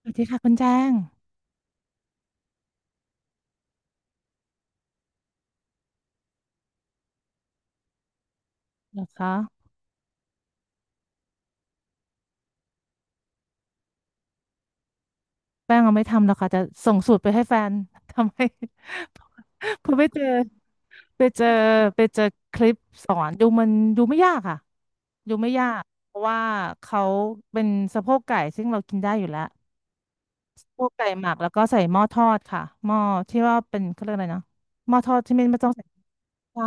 สวัสดีค่ะคุณแจ้งเหรอคะแป้งเอาไม่ทำหรอกค่ะจะส่งสูตรไปให้แฟน ทำให้ คุณไปเจอไปเจอคลิปสอนดูมันดูไม่ยากค่ะ ดูไม่ยากเพราะว่าเขาเป็นสะโพกไก่ซึ่งเรากินได้อยู่แล้วสะโพกไก่หมักแล้วก็ใส่หม้อทอดค่ะหม้อที่ว่าเป็นเขาเรียกอะไรนะหม้อทอดที่ไม่ต้องใส่ใช่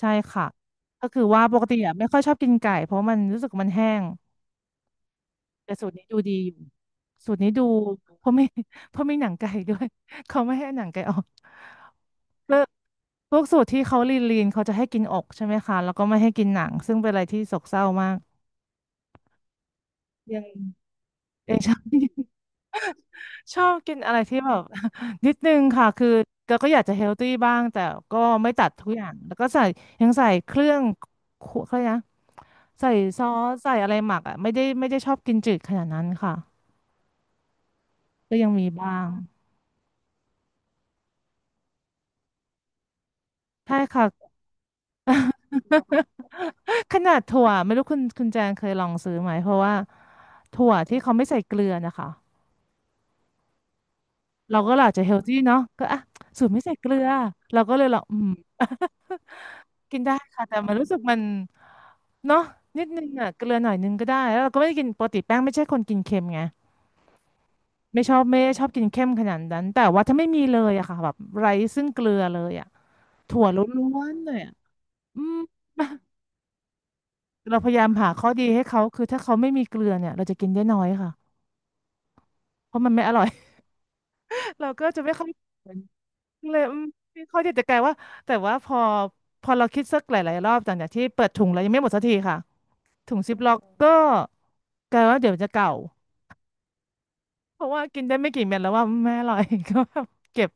ใช่ค่ะก็คือว่าปกติอะไม่ค่อยชอบกินไก่เพราะมันรู้สึกมันแห้ง แต่สูตรนี้ดูดีอยู่สูตรนี้ดูเพราะไม่ เพราะไม่หนังไก่ด้วย เขาไม่ให้หนังไก่ออกเลิกพวกสูตรที่เขาลีนลีนเขาจะให้กินอกใช่ไหมคะแล้วก็ไม่ให้กินหนังซึ่งเป็นอะไรที่โศกเศร้ามากยังยังชอบ ชอบกินอะไรที่แบบ นิดนึงค่ะคือเราก็อยากจะเฮลตี้บ้างแต่ก็ไม่ตัดทุกอย่างแล้วก็ใส่ยังใส่เครื่องครัวเขาเรียกนะใส่ซอสใส่อะไรหมักอ่ะไม่ได้ชอบกินจืดขนาดนั้นค่ะก็ยังมีบ้างใช่ค่ะ ขนาดถั่วไม่รู้คุณแจงเคยลองซื้อไหมเพราะว่าถั่วที่เขาไม่ใส่เกลือนะคะเราก็อาจจะเฮลตี้เนาะก็อ่ะสูตรไม่ใส่เกลือเราก็เลยลองอืม กินได้ค่ะแต่มันรู้สึกมันเนาะนิดนึงอ่ะเกลือหน่อยนึงก็ได้แล้วเราก็ไม่ได้กินปกติแป้งไม่ใช่คนกินเค็มไงไม่ชอบไม่ได้ชอบกินเค็มขนาดนั้นแต่ว่าถ้าไม่มีเลยอะค่ะแบบไร้ซึ่งเกลือเลยอะถั่วล้วนๆเลยอะอืม เราพยายามหาข้อดีให้เขาคือถ้าเขาไม่มีเกลือเนี่ยเราจะกินได้น้อยค่ะเพราะมันไม่อร่อย เราก็จะไม่ค่อยเหมือนเลยอืมไม่ค่อยที่จะแกลายว่าแต่ว่าพอเราคิดสักหลายๆรอบจากอย่างที่เปิดถุงแล้วยังไม่หมดสักทีค่ะถุงซิปล็อกก็แกลายว่าเดี๋ยวจะเก่าเพราะว่ากินได้ไม่กี่เม็ดแล้วว่าไม่อร่อย ก็แบบเก็บ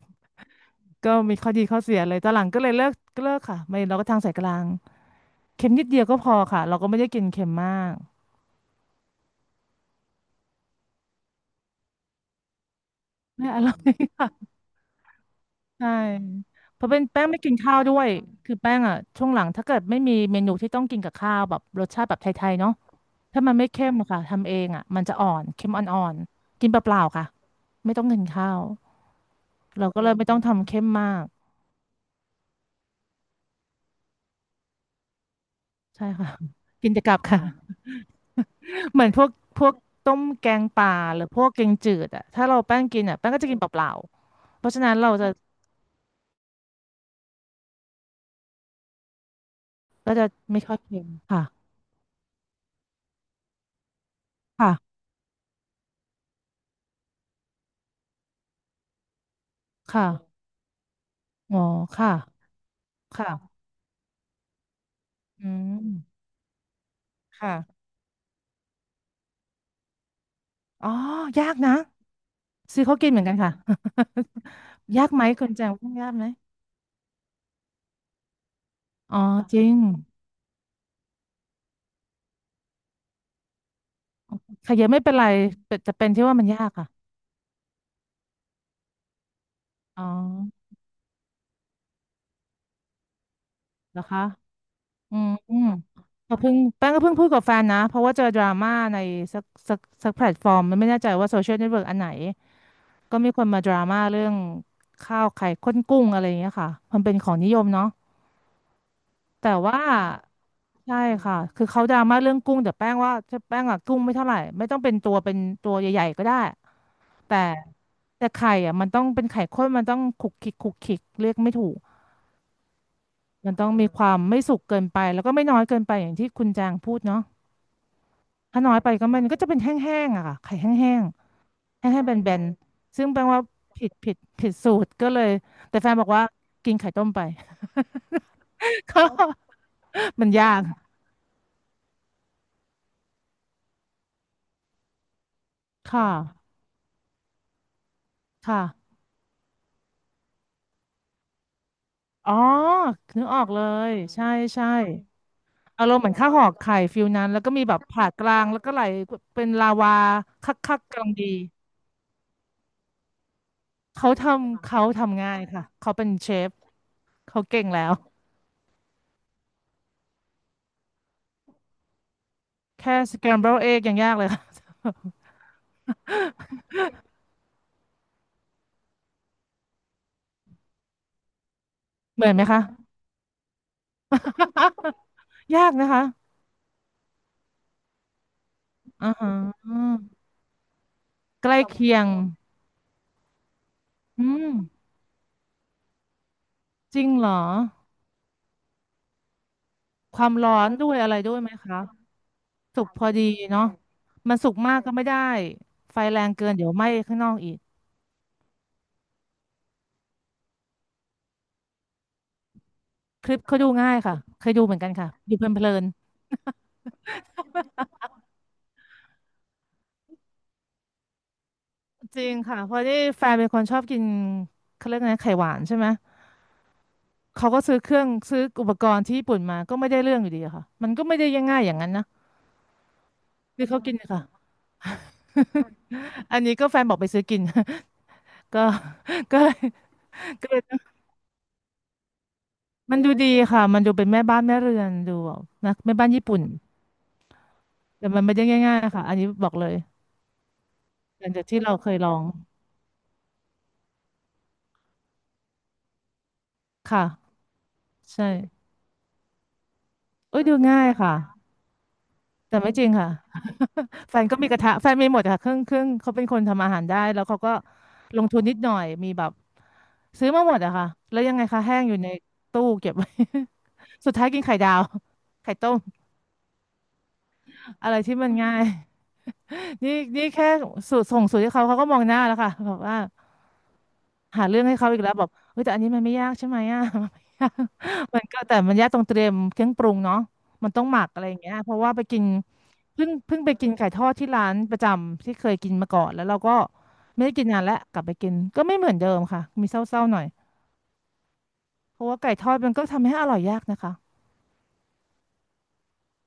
ก็มีข้อดีข้อเสียเลยตอนหลังก็เลยเลิกเลิกค่ะไม่เราก็ทางสายกลางเค็มนิดเดียวก็พอค่ะเราก็ไม่ได้กินเค็มมากไม่อร่อยค่ะใช่เพราะเป็นแป้งไม่กินข้าวด้วยคือแป้งอ่ะช่วงหลังถ้าเกิดไม่มีเมนูที่ต้องกินกับข้าวแบบรสชาติแบบไทยๆเนาะ ถ้ามันไม่เข้มอะค่ะทำเองอ่ะมันจะอ่อนเข้มอ่อนๆกินเปล่าๆค่ะไม่ต้องกินข้าวเราก็เลยมไม่ต้องทำเข้มมากใช่ค่ะ กินแต่กลับค่ะ ค่ะเหมือนพวกพวกต้มแกงป่าหรือพวกแกงจืดอ่ะถ้าเราแป้งกินอ่ะแป้งก็จะกินเปล่าๆเพราะฉะนั้นเราจะก็จะไม่ค่อยเค็มค่ะค่ะค่ะอ๋อค่ะค่ะอืมค่ะอ๋อยากนะซื้อเขากินเหมือนกันค่ะ ยากไหมคุณแจงว่ายากไหมอ๋อจริง ขยับไม่เป็นไรแต่จะเป็นที่ว่ามันยากอ่ะอ๋อเหรอคะอืมอืมก็เพิ่งแป้งก็เพิ่งพูดกับแฟนนะเพราะว่าเจอดราม่าในสักสักสักแพลตฟอร์มมันไม่แน่ใจว่าโซเชียลเน็ตเวิร์กอันไหนก็มีคนมาดราม่าเรื่องข้าวไข่ข้นกุ้งอะไรอย่างเงี้ยค่ะมันเป็นของนิยมเนาะแต่ว่าใช่ค่ะคือเขาดราม่าเรื่องกุ้งแต่แป้งว่าถ้าแป้งอะกุ้งไม่เท่าไหร่ไม่ต้องเป็นตัวเป็นตัวใหญ่ๆก็ได้แต่ไข่อะมันต้องเป็นไข่ข้นมันต้องขุกขิกขุกขิกเรียกไม่ถูก มันต้องมีความไม่สุกเกินไปแล้วก็ไม่น้อยเกินไปอย่างที่คุณจางพูดเนาะถ้าน้อยไปก็มันก็จะเป็นแห้งๆอะค่ะไข่แห้งๆแห้่งๆแบนๆซึ่งแปลว่าผิดสูตรก็เลยแต่แฟนบอกว่ากินไข่ต้มไป ก็เอามันยากอค่ะค่ะอ๋อนึกออกเลยใช่ใช่อารมเณ์เหมือนข้าวห่อไข่ฟิลนั้นแล้วก็มีแบบผ่ากลางแล้วก็ไหลเป็นลาวาคักๆกำลังดีเขาทำง่ายค่ะเขาเป็นเชฟเขาเก่งแล้ว แค่ scramble egg ยังยากเลยค่ะ เหมือนไหมคะ ยากนะคะอ่าฮะใกล้เคียงอืมจริงเหรอความร้อนด้วยอะไรด้วยไหมคะสุกพอดีเนาะมันสุกมากก็ไม่ได้ไฟแรงเกินเดี๋ยวไหม้ข้างนอกอีกคลิปเขาดูง่ายค่ะเคยดูเหมือนกันค่ะดูเพลินๆจริงค่ะเพราะที่แฟนเป็นคนชอบกินเขาเรียกไงไข่หวานใช่ไหมเขาก็ซื้อเครื่องซื้ออุปกรณ์ที่ญี่ปุ่นมาก็ไม่ได้เรื่องอยู่ดีอะค่ะมันก็ไม่ได้ยังง่ายอย่างนั้นนะคือเขากินค่ะ อันนี้ก็แฟนบอกไปซื้อกิน ก็ก็เลยก็เลยมันดูดีค่ะมันดูเป็นแม่บ้านแม่เรือนดูแบบนะแม่บ้านญี่ปุ่นแต่มันไม่ได้ง่ายๆนะคะอันนี้บอกเลยหลังจากที่เราเคยลองค่ะใช่เอ้ยดูง่ายค่ะแต่ไม่จริงค่ะแฟนก็มีกระทะแฟนมีหมดค่ะเครื่องเครื่องเขาเป็นคนทำอาหารได้แล้วเขาก็ลงทุนนิดหน่อยมีแบบซื้อมาหมดอะค่ะแล้วยังไงคะแห้งอยู่ในตู้เก็บไว้ สุดท้ายกินไข่ดาวไข่ต้มอะไรที่มันง่าย นี่นี่แค่สูตรส่งสูตรให้เขาเขาก็มองหน้าแล้วค่ะแบบว่าหาเรื่องให้เขาอีกแล้วบอกเฮ้ยแต่อันนี้มันไม่ยากใช่ไหมอ่ะ มันไม่ยากมันก็แต่มันยากตรงเตรียมเครื่องปรุงเนาะมันต้องหมักอะไรอย่างเงี้ยเพราะว่าไปกินเพิ่งไปกินไก่ทอดที่ร้านประจำที่เคยกินมาก่อนแล้วเราก็ไม่ได้กินนานแล้วกลับไปกินก็ไม่เหมือนเดิมค่ะมีเศร้าๆหน่อยเพราะว่าไก่ทอดมันก็ทำให้อร่อยยากนะคะ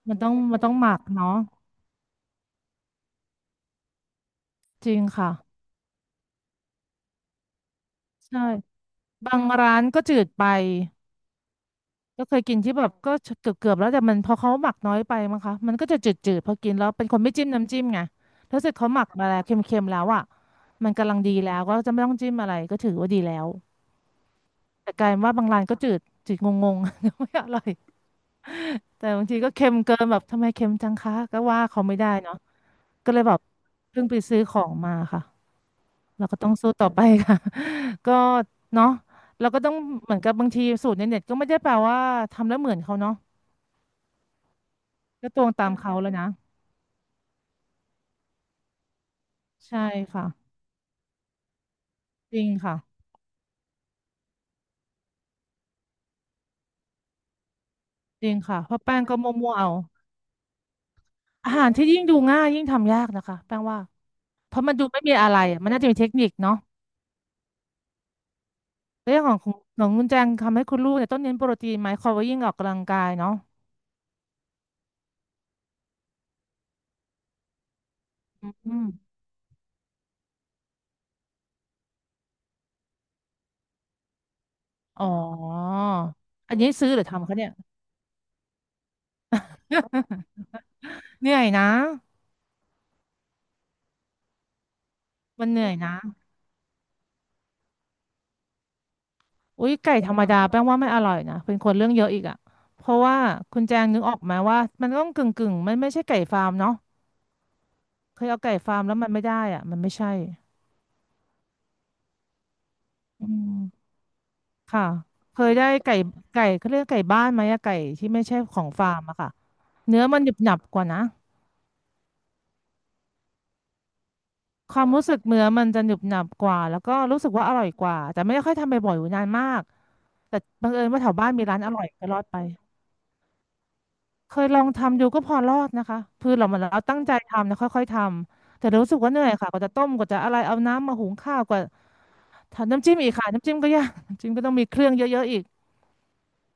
มันต้องหมักเนาะจริงค่ะใช่บางร้านก็จืดไป ก็เคยกินที่แบบก็เกือบแล้วแต่มันพอเขาหมักน้อยไปมั้งคะมันก็จะจืดๆพอกินแล้วเป็นคนไม่จิ้มน้ำจิ้มไงถ้าเสร็จเขาหมักมาแล้วเค็มๆแล้วอ่ะมันกำลังดีแล้วก็จะไม่ต้องจิ้มอะไรก็ถือว่าดีแล้วแต่กลายเป็นว่าบางร้านก็จืดจืดงงๆ ไม่อร่อยแต่บางทีก็เค็มเกินแบบทำไมเค็มจังคะก็ว่าเขาไม่ได้เนาะก็เลยแบบเพิ่งไปซื้อของมาค่ะเราก็ต้องสู้ต่อไปค่ะ ก็เนาะเราก็ต้องเหมือนกับบางทีสูตรในเน็ตก็ไม่ได้แปลว่าทำแล้วเหมือนเขาเนาะก็ตวงตามเขาแล้วนะ ใช่ค่ะจริงค่ะจริงค่ะเพราะแป้งก็มั่วๆเอาอาหารที่ยิ่งดูง่ายยิ่งทำยากนะคะแป้งว่าเพราะมันดูไม่มีอะไรอะมันน่าจะมีเทคนิคเนาะเรื่องของคุณแจงทำให้คุณลูกเนี่ยต้องเน้นโปรตีนไหมคอยว่ายิ่งออกกำลังกายเนาะอืมอ๋ออันนี้ซื้อหรือทำคะเนี่ย เหนื่อยนะมันเหนื่อยนะอุ้ยไก่ธรรมดาแป้งว่าไม่อร่อยนะเป็นคนเรื่องเยอะอีกอ่ะเพราะว่าคุณแจงนึกออกไหมว่ามันต้องกึ่งมันไม่ใช่ไก่ฟาร์มเนาะเคยเอาไก่ฟาร์มแล้วมันไม่ได้อ่ะมันไม่ใช่ อืมค่ะเคยได้ไก่ไก่เขาเรียกไก่บ้านไหมอะไก่ที่ไม่ใช่ของฟาร์มอะค่ะเนื้อมันหนึบหนับกว่านะความรู้สึกเนื้อมันจะหนึบหนับกว่าแล้วก็รู้สึกว่าอร่อยกว่าแต่ไม่ได้ค่อยทำบ่อยๆอยู่นานมากแต่บังเอิญว่าแถวบ้านมีร้านอร่อยก็รอดไปเคยลองทำดูก็พอรอดนะคะคือเรามาเราตั้งใจทำนะค่อยๆทำแต่รู้สึกว่าเหนื่อยค่ะกว่าจะต้มกว่าจะอะไรเอาน้ำมาหุงข้าวกว่าทำน้ำจิ้มอีกค่ะน้ำจิ้มก็ยากน้ำจิ้มก็ต้องมีเครื่องเยอะๆอีก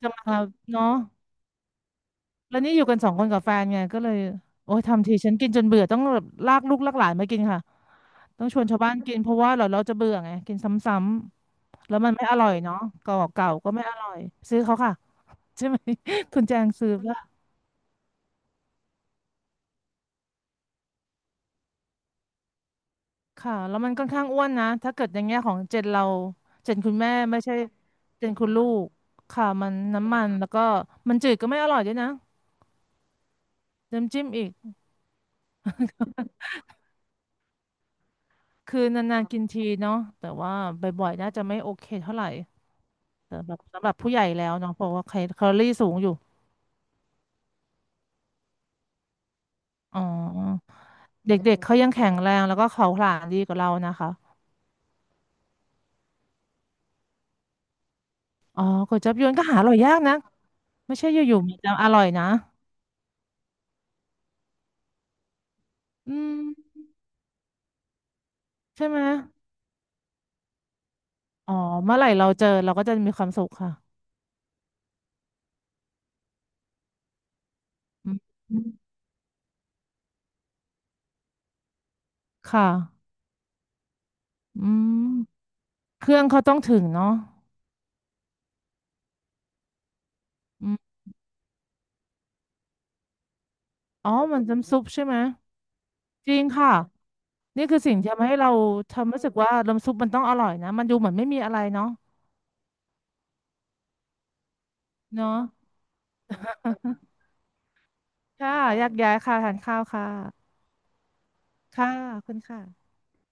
จะมาเนาะ แล้วนี่อยู่กันสองคนกับแฟนไงก็เลยโอ้ยทำทีฉันกินจนเบื่อต้องแบบลากลูกลากหลานมากินค่ะต้องชวนชาวบ้านกินเพราะว่าเราจะเบื่อไงกินซ้ำๆแล้วมันไม่อร่อยเนาะเก่าก็ไม่อร่อยซื้อเขาค่ะใช่ไหม คุณแจงซื้อป่ะค่ะแล้วมันค่อนข้างอ้วนนะถ้าเกิดอย่างเงี้ยของเจนเราเจนคุณแม่ไม่ใช่เจนคุณลูกค่ะมันน้ำมันแล้วก็มันจืดก็ไม่อร่อยด้วยนะน้ำจิ้มอีกคือนานๆกินทีเนาะแต่ว่าบ่อยๆน่าจะไม่โอเคเท่าไหร่ สำหรับผู้ใหญ่แล้วเนาะเพราะว่าแคลอรี่สูงอยู่อ๋อเด็กๆเขายังแข็งแรงแล้วก็เขาผลาญดีกว่าเรานะคะอ๋อก๋วยจั๊บยวนก็หาอร่อยยากนะไม่ใช่อยู่ๆมันจะอร่อยนะอืมใช่ไหมอ๋อเมื่อไหร่เราเจอเราก็จะมีความสุขค่ะอืมค่ะอืมเครื่องเขาต้องถึงเนาะอืมอ๋อมันน้ำซุปใช่ไหมจริงค่ะนี่คือสิ่งที่ทำให้เราทำรู้สึกว่าน้ำซุปมันต้องอร่อยนะมันดูเหมือนไม่มีอะไรเนาะเนาะ ค่ะแยกย้ายค่ะทานข้าวค่ะค่ะขอบคุณค่ะ